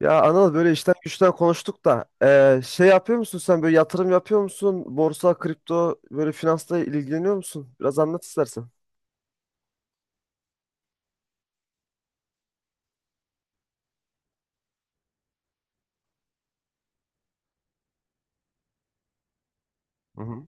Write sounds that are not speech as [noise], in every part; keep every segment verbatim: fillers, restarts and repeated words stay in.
Ya Anıl, böyle işten güçten konuştuk da eee, şey yapıyor musun sen, böyle yatırım yapıyor musun? Borsa, kripto, böyle finansla ilgileniyor musun? Biraz anlat istersen. Hı hı.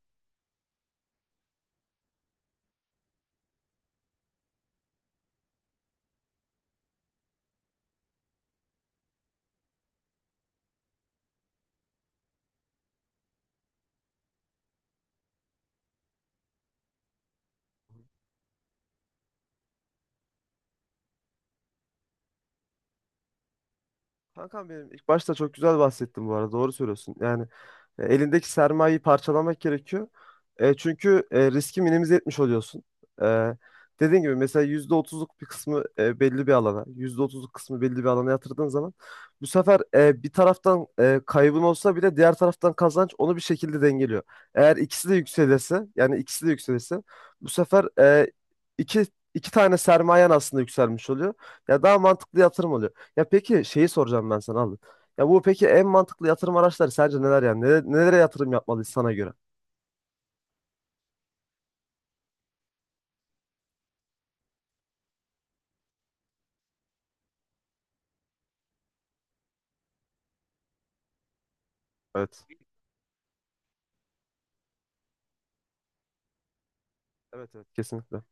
Kankam benim, ilk başta çok güzel bahsettin bu arada, doğru söylüyorsun. Yani, E, elindeki sermayeyi parçalamak gerekiyor. E, çünkü e, riski minimize etmiş oluyorsun. E, dediğim gibi, mesela yüzde otuzluk bir kısmı e, belli bir alana, yüzde otuzluk kısmı belli bir alana yatırdığın zaman, bu sefer e, bir taraftan e, kaybın olsa bile diğer taraftan kazanç onu bir şekilde dengeliyor. Eğer ikisi de yükselirse, yani ikisi de yükselirse, bu sefer e, iki iki tane sermayen aslında yükselmiş oluyor. Ya daha mantıklı yatırım oluyor. Ya peki şeyi soracağım ben sana abi. Ya bu peki en mantıklı yatırım araçları sence neler yani? Nele- Nelere yatırım yapmalıyız sana göre? Evet. Evet, evet, kesinlikle. Hı.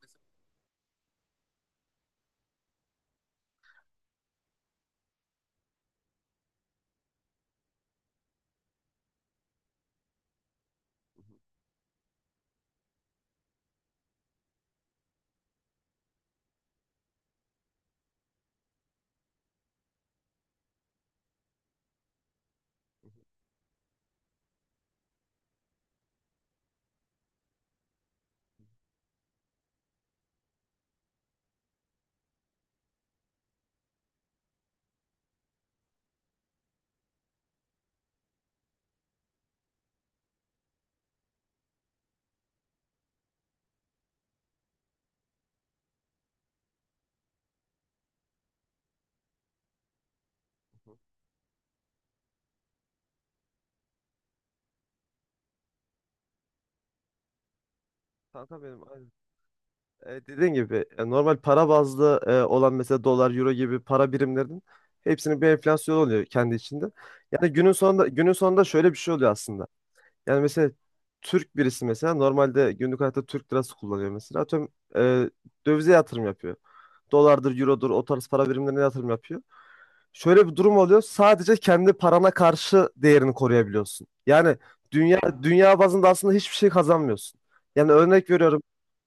Kanka benim aynen. E, dediğin gibi, e, normal para bazlı e, olan mesela dolar, euro gibi para birimlerinin hepsinin bir enflasyonu oluyor kendi içinde. Yani günün sonunda, günün sonunda şöyle bir şey oluyor aslında. Yani mesela Türk birisi mesela normalde günlük hayatta Türk lirası kullanıyor mesela. Atıyorum, e, dövize yatırım yapıyor. Dolardır, eurodur, o tarz para birimlerine yatırım yapıyor. Şöyle bir durum oluyor. Sadece kendi parana karşı değerini koruyabiliyorsun. Yani dünya dünya bazında aslında hiçbir şey kazanmıyorsun. Yani örnek veriyorum.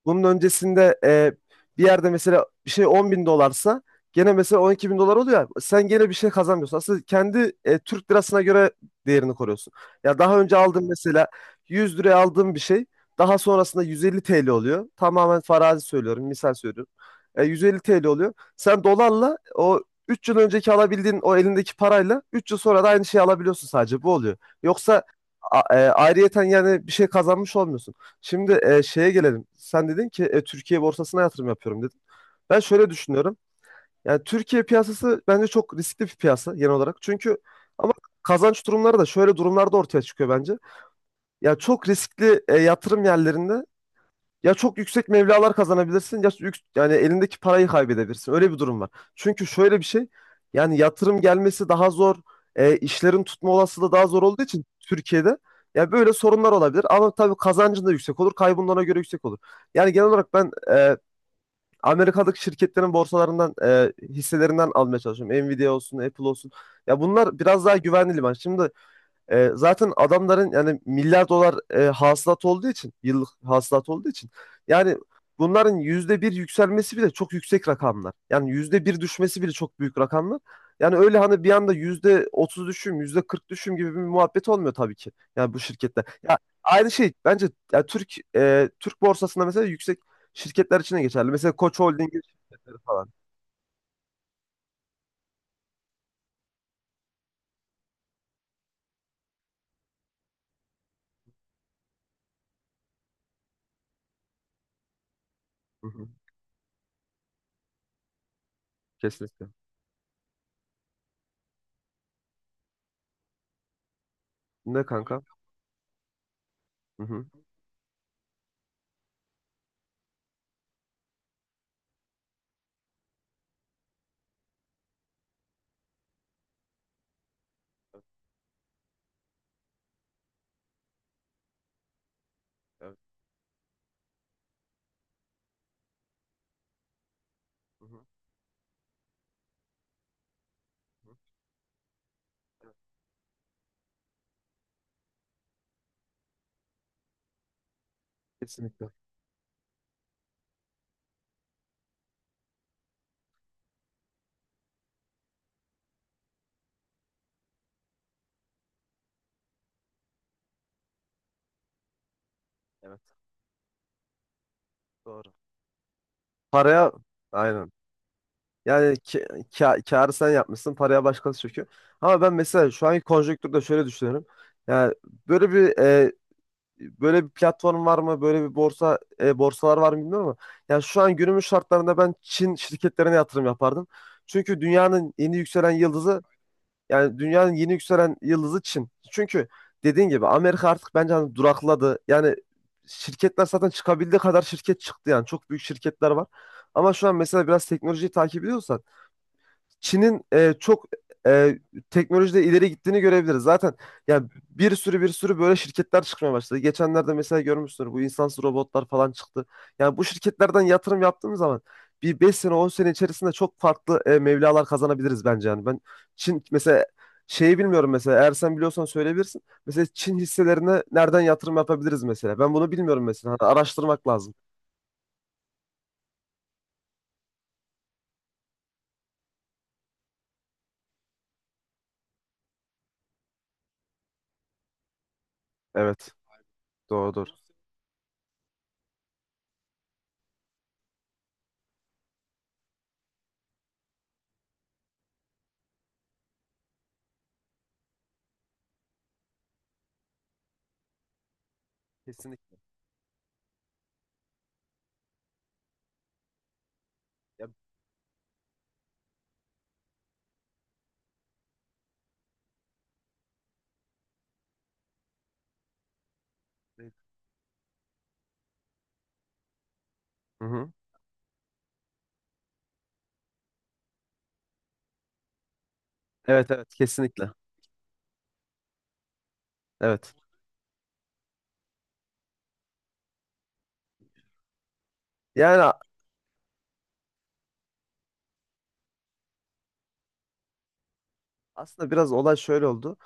Bunun öncesinde, e, bir yerde mesela bir şey on bin dolarsa, gene mesela on iki bin dolar oluyor. Sen gene bir şey kazanmıyorsun. Aslında kendi e, Türk lirasına göre değerini koruyorsun. Ya daha önce aldığın mesela yüz liraya aldığın bir şey, daha sonrasında yüz elli T L oluyor. Tamamen farazi söylüyorum, misal söylüyorum. E, yüz elli T L oluyor. Sen dolarla o üç yıl önceki alabildiğin o elindeki parayla üç yıl sonra da aynı şeyi alabiliyorsun, sadece bu oluyor. Yoksa a- e, ayrıyeten yani bir şey kazanmış olmuyorsun. Şimdi e, şeye gelelim. Sen dedin ki, e, Türkiye borsasına yatırım yapıyorum dedin. Ben şöyle düşünüyorum. Yani Türkiye piyasası bence çok riskli bir piyasa genel olarak. Çünkü ama kazanç durumları da şöyle durumlarda ortaya çıkıyor bence. Ya çok riskli e, yatırım yerlerinde ya çok yüksek mevlalar kazanabilirsin, ya yük- yani elindeki parayı kaybedebilirsin. Öyle bir durum var. Çünkü şöyle bir şey, yani yatırım gelmesi daha zor, e, işlerin tutma olasılığı daha zor olduğu için Türkiye'de, ya böyle sorunlar olabilir. Ama tabii kazancın da yüksek olur, kaybın da ona göre yüksek olur. Yani genel olarak ben, e, Amerika'daki şirketlerin borsalarından, e, hisselerinden almaya çalışıyorum. Nvidia olsun, Apple olsun. Ya bunlar biraz daha güvenli liman. Şimdi e, zaten adamların yani milyar dolar e, hasılat olduğu için, yıllık hasılat olduğu için yani, bunların yüzde bir yükselmesi bile çok yüksek rakamlar. Yani yüzde bir düşmesi bile çok büyük rakamlar. Yani öyle hani bir anda yüzde otuz düşüm, yüzde kırk düşüm gibi bir muhabbet olmuyor tabii ki. Yani bu şirketler. Ya aynı şey bence, ya Türk e, Türk borsasında mesela yüksek şirketler için de geçerli. Mesela Koç Holding'in şirketleri falan. Hı hı, kesinlikle. Ne kanka? Hı hı. Evet. Evet. Hı hı. Hı. Kesinlikle. Evet. Doğru. Paraya aynen. Yani ki, ka- kârı sen yapmışsın, paraya başkası çöküyor. Ama ben mesela şu anki konjonktürde şöyle düşünüyorum. Yani böyle bir e, böyle bir platform var mı? Böyle bir borsa, e, borsalar var mı bilmiyorum ama yani şu an günümüz şartlarında ben Çin şirketlerine yatırım yapardım. Çünkü dünyanın yeni yükselen yıldızı, yani dünyanın yeni yükselen yıldızı Çin. Çünkü dediğin gibi Amerika artık bence hani durakladı. Yani şirketler zaten çıkabildiği kadar şirket çıktı yani. Çok büyük şirketler var. Ama şu an mesela biraz teknolojiyi takip ediyorsan, Çin'in e, çok e, teknolojide ileri gittiğini görebiliriz. Zaten yani bir sürü bir sürü böyle şirketler çıkmaya başladı. Geçenlerde mesela görmüşsünüz, bu insansız robotlar falan çıktı. Yani bu şirketlerden yatırım yaptığımız zaman bir beş sene on sene içerisinde çok farklı e, mevlalar kazanabiliriz bence yani. Ben Çin mesela şeyi bilmiyorum mesela, eğer sen biliyorsan söyleyebilirsin. Mesela Çin hisselerine nereden yatırım yapabiliriz mesela? Ben bunu bilmiyorum mesela. Hani araştırmak lazım. Evet, doğrudur. Kesinlikle. Ya, e, hı hı. Evet, evet, kesinlikle. Evet. Yani, a- aslında biraz olay şöyle oldu.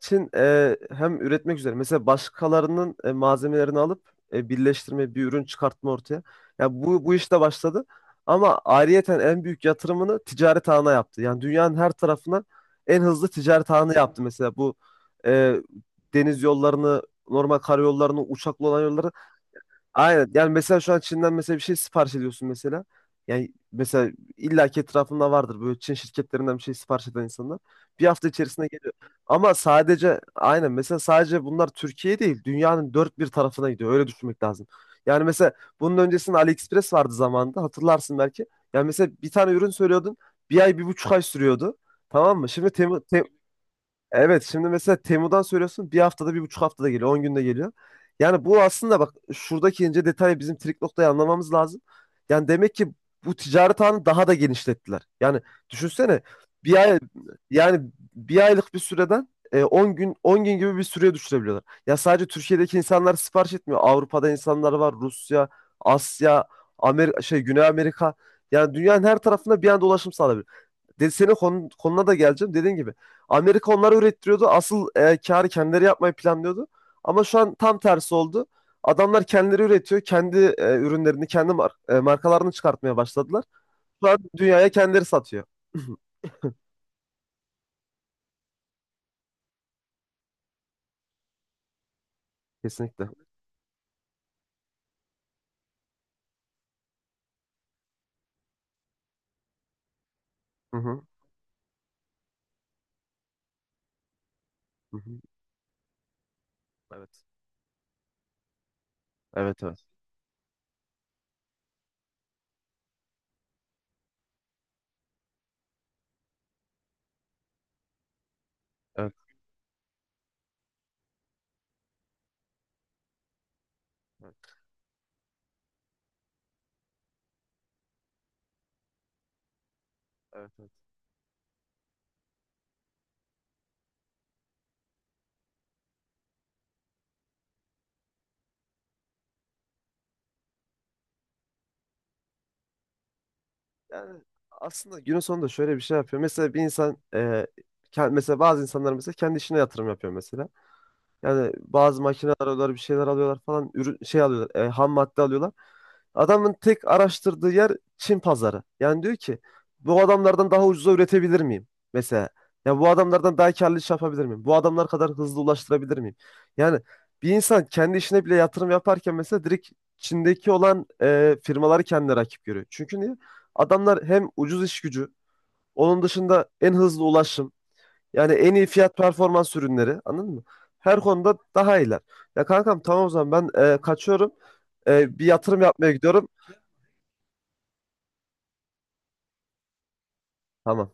Çin e, hem üretmek üzere mesela başkalarının e, malzemelerini alıp e, birleştirme bir ürün çıkartma ortaya. Yani bu bu işte başladı. Ama ayrıyeten en büyük yatırımını ticaret ağına yaptı. Yani dünyanın her tarafına en hızlı ticaret ağını yaptı mesela, bu e, deniz yollarını, normal karayollarını, uçaklı olan yolları. Aynen. Yani mesela şu an Çin'den mesela bir şey sipariş ediyorsun mesela. Yani mesela illaki etrafında vardır böyle Çin şirketlerinden bir şey sipariş eden insanlar. Bir hafta içerisinde geliyor. Ama sadece aynen mesela, sadece bunlar Türkiye değil, dünyanın dört bir tarafına gidiyor. Öyle düşünmek lazım. Yani mesela bunun öncesinde AliExpress vardı zamanında, hatırlarsın belki. Yani mesela bir tane ürün söylüyordun, bir ay bir buçuk ay sürüyordu. Tamam mı? Şimdi Temu, Te- evet, şimdi mesela Temu'dan söylüyorsun bir haftada, bir buçuk haftada geliyor, on günde geliyor. Yani bu aslında, bak şuradaki ince detayı, bizim trik noktayı anlamamız lazım. Yani demek ki bu ticaret ağını daha da genişlettiler. Yani düşünsene bir ay, yani bir aylık bir süreden, e, on gün on gün gibi bir süreye düşürebiliyorlar. Ya sadece Türkiye'deki insanlar sipariş etmiyor. Avrupa'da insanlar var, Rusya, Asya, Amerika, şey Güney Amerika. Yani dünyanın her tarafında bir anda ulaşım sağlayabilir. Dedi, senin konun- konuna da geleceğim. Dediğin gibi Amerika onları ürettiriyordu. Asıl e, karı kendileri yapmayı planlıyordu. Ama şu an tam tersi oldu. Adamlar kendileri üretiyor. Kendi e, ürünlerini, kendi mar- e, markalarını çıkartmaya başladılar. Şu an dünyaya kendileri satıyor. [laughs] Kesinlikle. Hı hı. Hı hı. Evet. Evet, evet. Evet, evet, evet, evet. Yani aslında günün sonunda şöyle bir şey yapıyor. Mesela bir insan, e, ke- mesela bazı insanlar mesela kendi işine yatırım yapıyor mesela. Yani bazı makineler alıyorlar, bir şeyler alıyorlar falan, ürün şey alıyorlar, e, ham madde alıyorlar. Adamın tek araştırdığı yer Çin pazarı. Yani diyor ki bu adamlardan daha ucuza üretebilir miyim? Mesela ya bu adamlardan daha karlı iş yapabilir miyim? Bu adamlar kadar hızlı ulaştırabilir miyim? Yani bir insan kendi işine bile yatırım yaparken mesela direkt Çin'deki olan e, firmaları kendine rakip görüyor. Çünkü niye? Adamlar hem ucuz iş gücü, onun dışında en hızlı ulaşım. Yani en iyi fiyat performans ürünleri, anladın mı? Her konuda daha iyiler. Ya kankam, tamam o zaman ben e, kaçıyorum. E, bir yatırım yapmaya gidiyorum. Tamam.